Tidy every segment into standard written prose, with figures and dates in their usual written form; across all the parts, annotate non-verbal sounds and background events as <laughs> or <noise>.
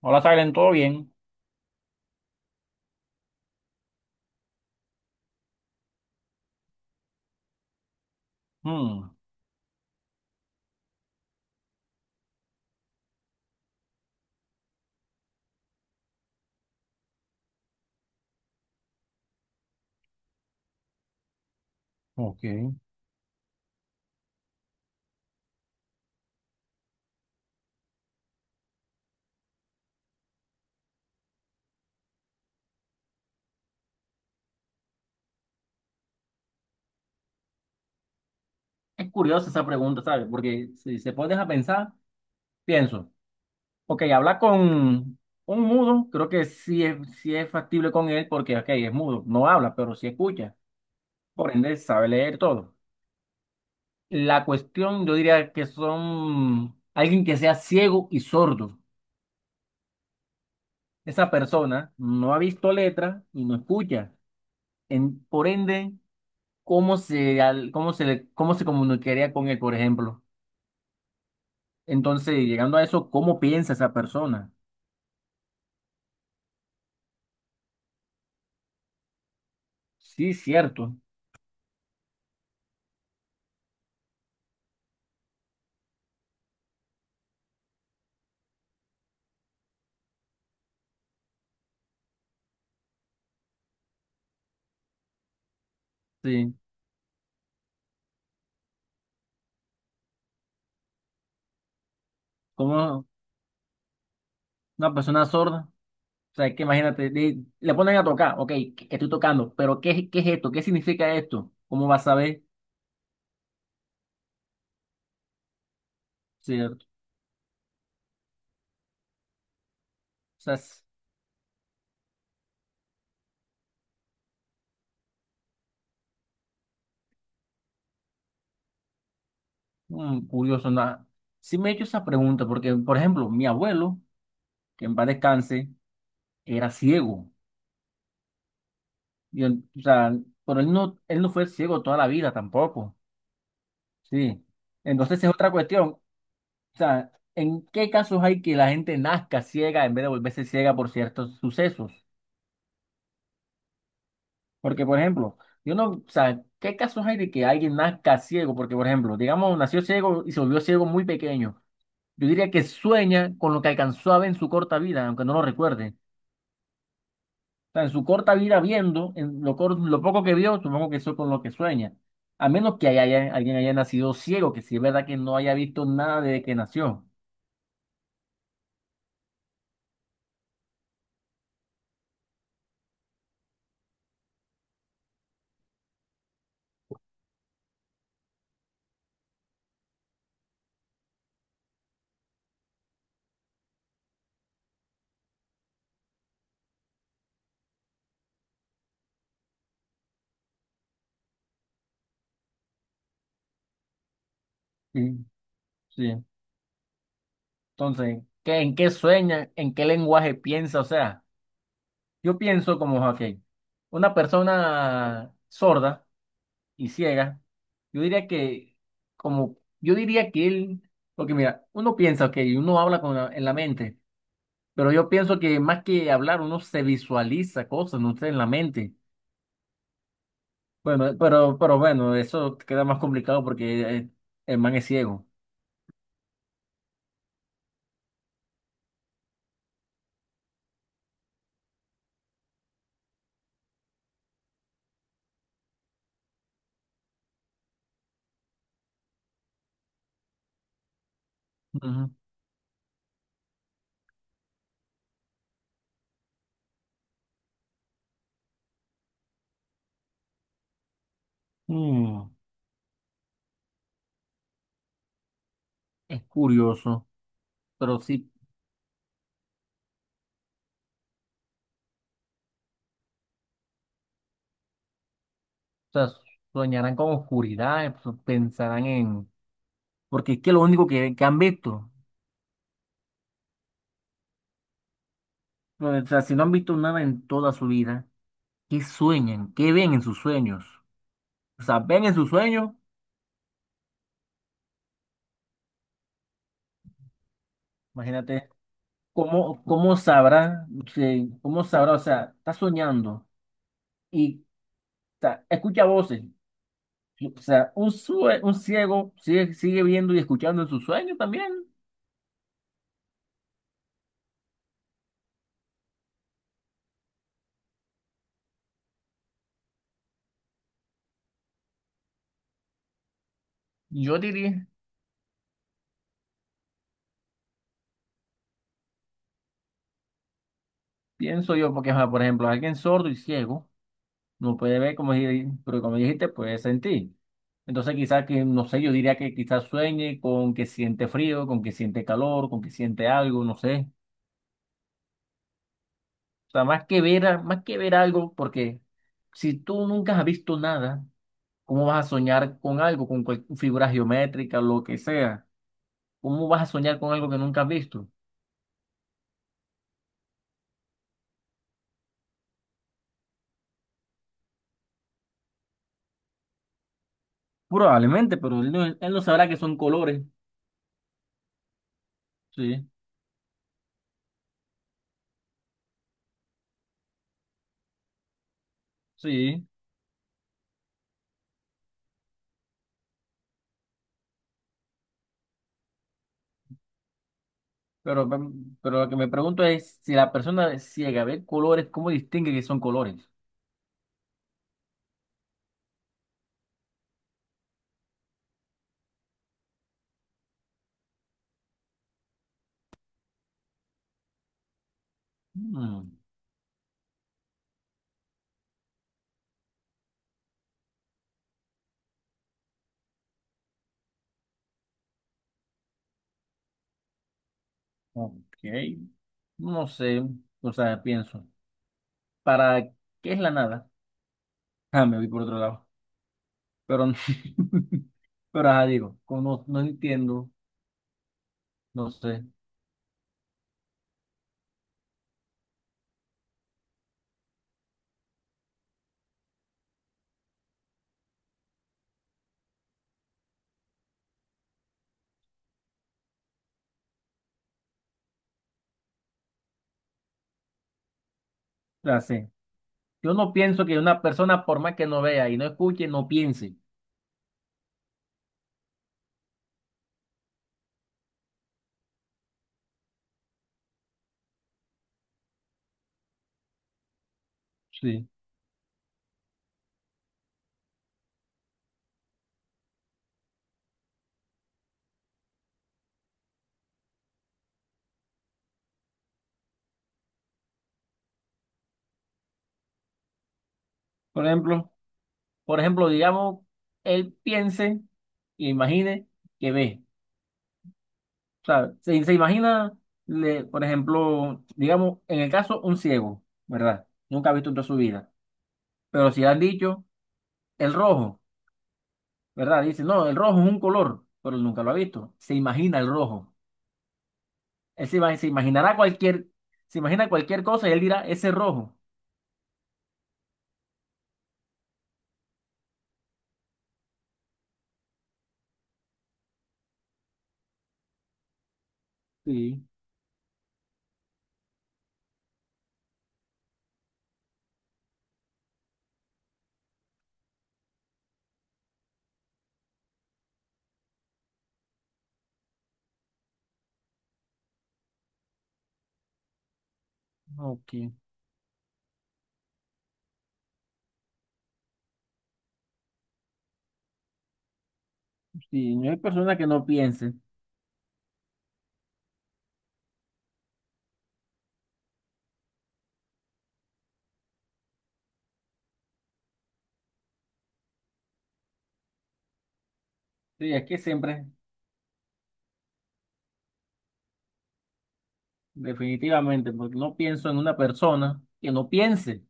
Hola, Silen, ¿todo bien? Hmm, ok. Es curiosa esa pregunta, ¿sabes? Porque si se pones a pensar, pienso, ok, hablar con un mudo, creo que sí es factible con él porque, ok, es mudo, no habla, pero sí escucha, por ende sabe leer todo. La cuestión, yo diría que son alguien que sea ciego y sordo. Esa persona no ha visto letra y no escucha. En, por ende, ¿cómo se, al- cómo se, le- cómo se comunicaría con él, por ejemplo? Entonces, llegando a eso, ¿cómo piensa esa persona? Sí, cierto. Sí, como una persona sorda. O sea, que imagínate, le ponen a tocar, ok, que estoy tocando, pero ¿qué es esto? ¿Qué significa esto? ¿Cómo vas a saber? Cierto. O sea, es curioso, nada. Sí me he hecho esa pregunta, porque, por ejemplo, mi abuelo, que en paz descanse, era ciego. Y él, o sea, pero él no fue ciego toda la vida tampoco. Sí. Entonces es otra cuestión. O sea, ¿en qué casos hay que la gente nazca ciega en vez de volverse ciega por ciertos sucesos? Porque, por ejemplo, yo no, o sea, ¿qué casos hay de que alguien nazca ciego? Porque, por ejemplo, digamos, nació ciego y se volvió ciego muy pequeño. Yo diría que sueña con lo que alcanzó a ver en su corta vida, aunque no lo recuerde. O sea, en su corta vida viendo, en lo, cor- lo poco que vio, supongo que eso es con lo que sueña. A menos que alguien haya nacido ciego, que si es verdad que no haya visto nada desde que nació. Sí, sí. Entonces, ¿qué, en qué sueña? ¿En qué lenguaje piensa? O sea, yo pienso como, ok, una persona sorda y ciega, yo diría que, como, yo diría que él, porque mira, uno piensa, ok, uno habla con en la mente, pero yo pienso que más que hablar, uno se visualiza cosas, no sé, en la mente. Bueno, pero bueno, eso queda más complicado porque el man es ciego. Ujú. Mm, es curioso, pero sí, o sea, soñarán con oscuridad, pues, pensarán en... Porque es que lo único que han visto, o sea, si no han visto nada en toda su vida, ¿qué sueñan? ¿Qué ven en sus sueños? O sea, ven en sus sueños, imagínate, ¿cómo sabrá, sí, cómo sabrá, o sea, está soñando y, o sea, escucha voces. O sea, un, sue- un ciego sigue, sigue viendo y escuchando en sus sueños también. Yo diría, pienso yo, porque, ajá, por ejemplo, alguien sordo y ciego. No puede ver como, si- pero como dijiste, puede sentir. Entonces quizás que, no sé, yo diría que quizás sueñe con que siente frío, con que siente calor, con que siente algo, no sé. O sea, más que ver, a- más que ver algo, porque si tú nunca has visto nada, ¿cómo vas a soñar con algo, con cual- figuras geométricas, lo que sea? ¿Cómo vas a soñar con algo que nunca has visto? Probablemente, pero él no sabrá que son colores. Sí, sí. Pero, mm, pero lo que me pregunto es si la persona es ciega ve colores, ¿cómo distingue que son colores? Mm, ok. No sé, o sea, pienso. ¿Para qué es la nada? <laughs> Ah, me voy por otro lado. Pero, <laughs> pero ajá, digo, como no entiendo, no sé. O sea, sí. Yo no pienso que una persona, por más que no vea y no escuche, no piense. Sí. Por ejemplo, por ejemplo, digamos, él piense y imagine que ve. O sea, se imagina, le- por ejemplo, digamos, en el caso, un ciego, ¿verdad? Nunca ha visto en toda su vida. Pero si le han dicho el rojo, ¿verdad? Dice, no, el rojo es un color, pero él nunca lo ha visto. Se imagina el rojo. Él se, ima- se imaginará cualquier, se imagina cualquier cosa y él dirá, ese rojo. Sí, ok. Sí, no hay persona que no piense. Sí, es que siempre, definitivamente, porque no pienso en una persona que no piense,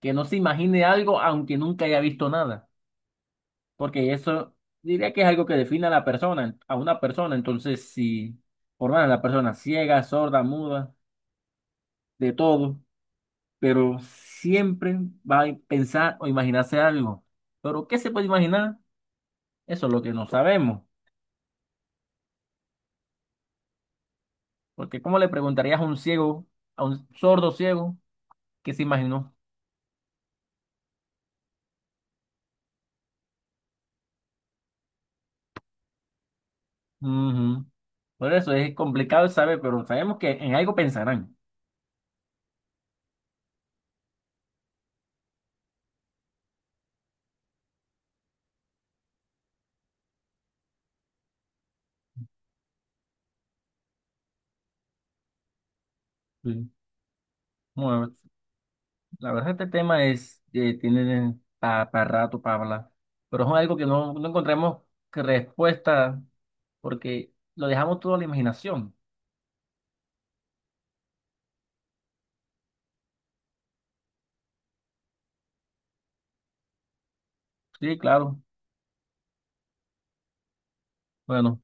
que no se imagine algo aunque nunca haya visto nada. Porque eso diría que es algo que define a la persona, a una persona. Entonces, si por más la persona ciega, sorda, muda, de todo, pero siempre va a pensar o imaginarse algo. Pero, ¿qué se puede imaginar? Eso es lo que no sabemos. Porque, ¿cómo le preguntarías a un ciego, a un sordo ciego, qué se imaginó? Ujú. Por eso es complicado de saber, pero sabemos que en algo pensarán. Sí. Bueno, la verdad, este tema es, tiene para rato para hablar, pero es algo que no encontramos que respuesta porque lo dejamos todo a la imaginación. Sí, claro. Bueno.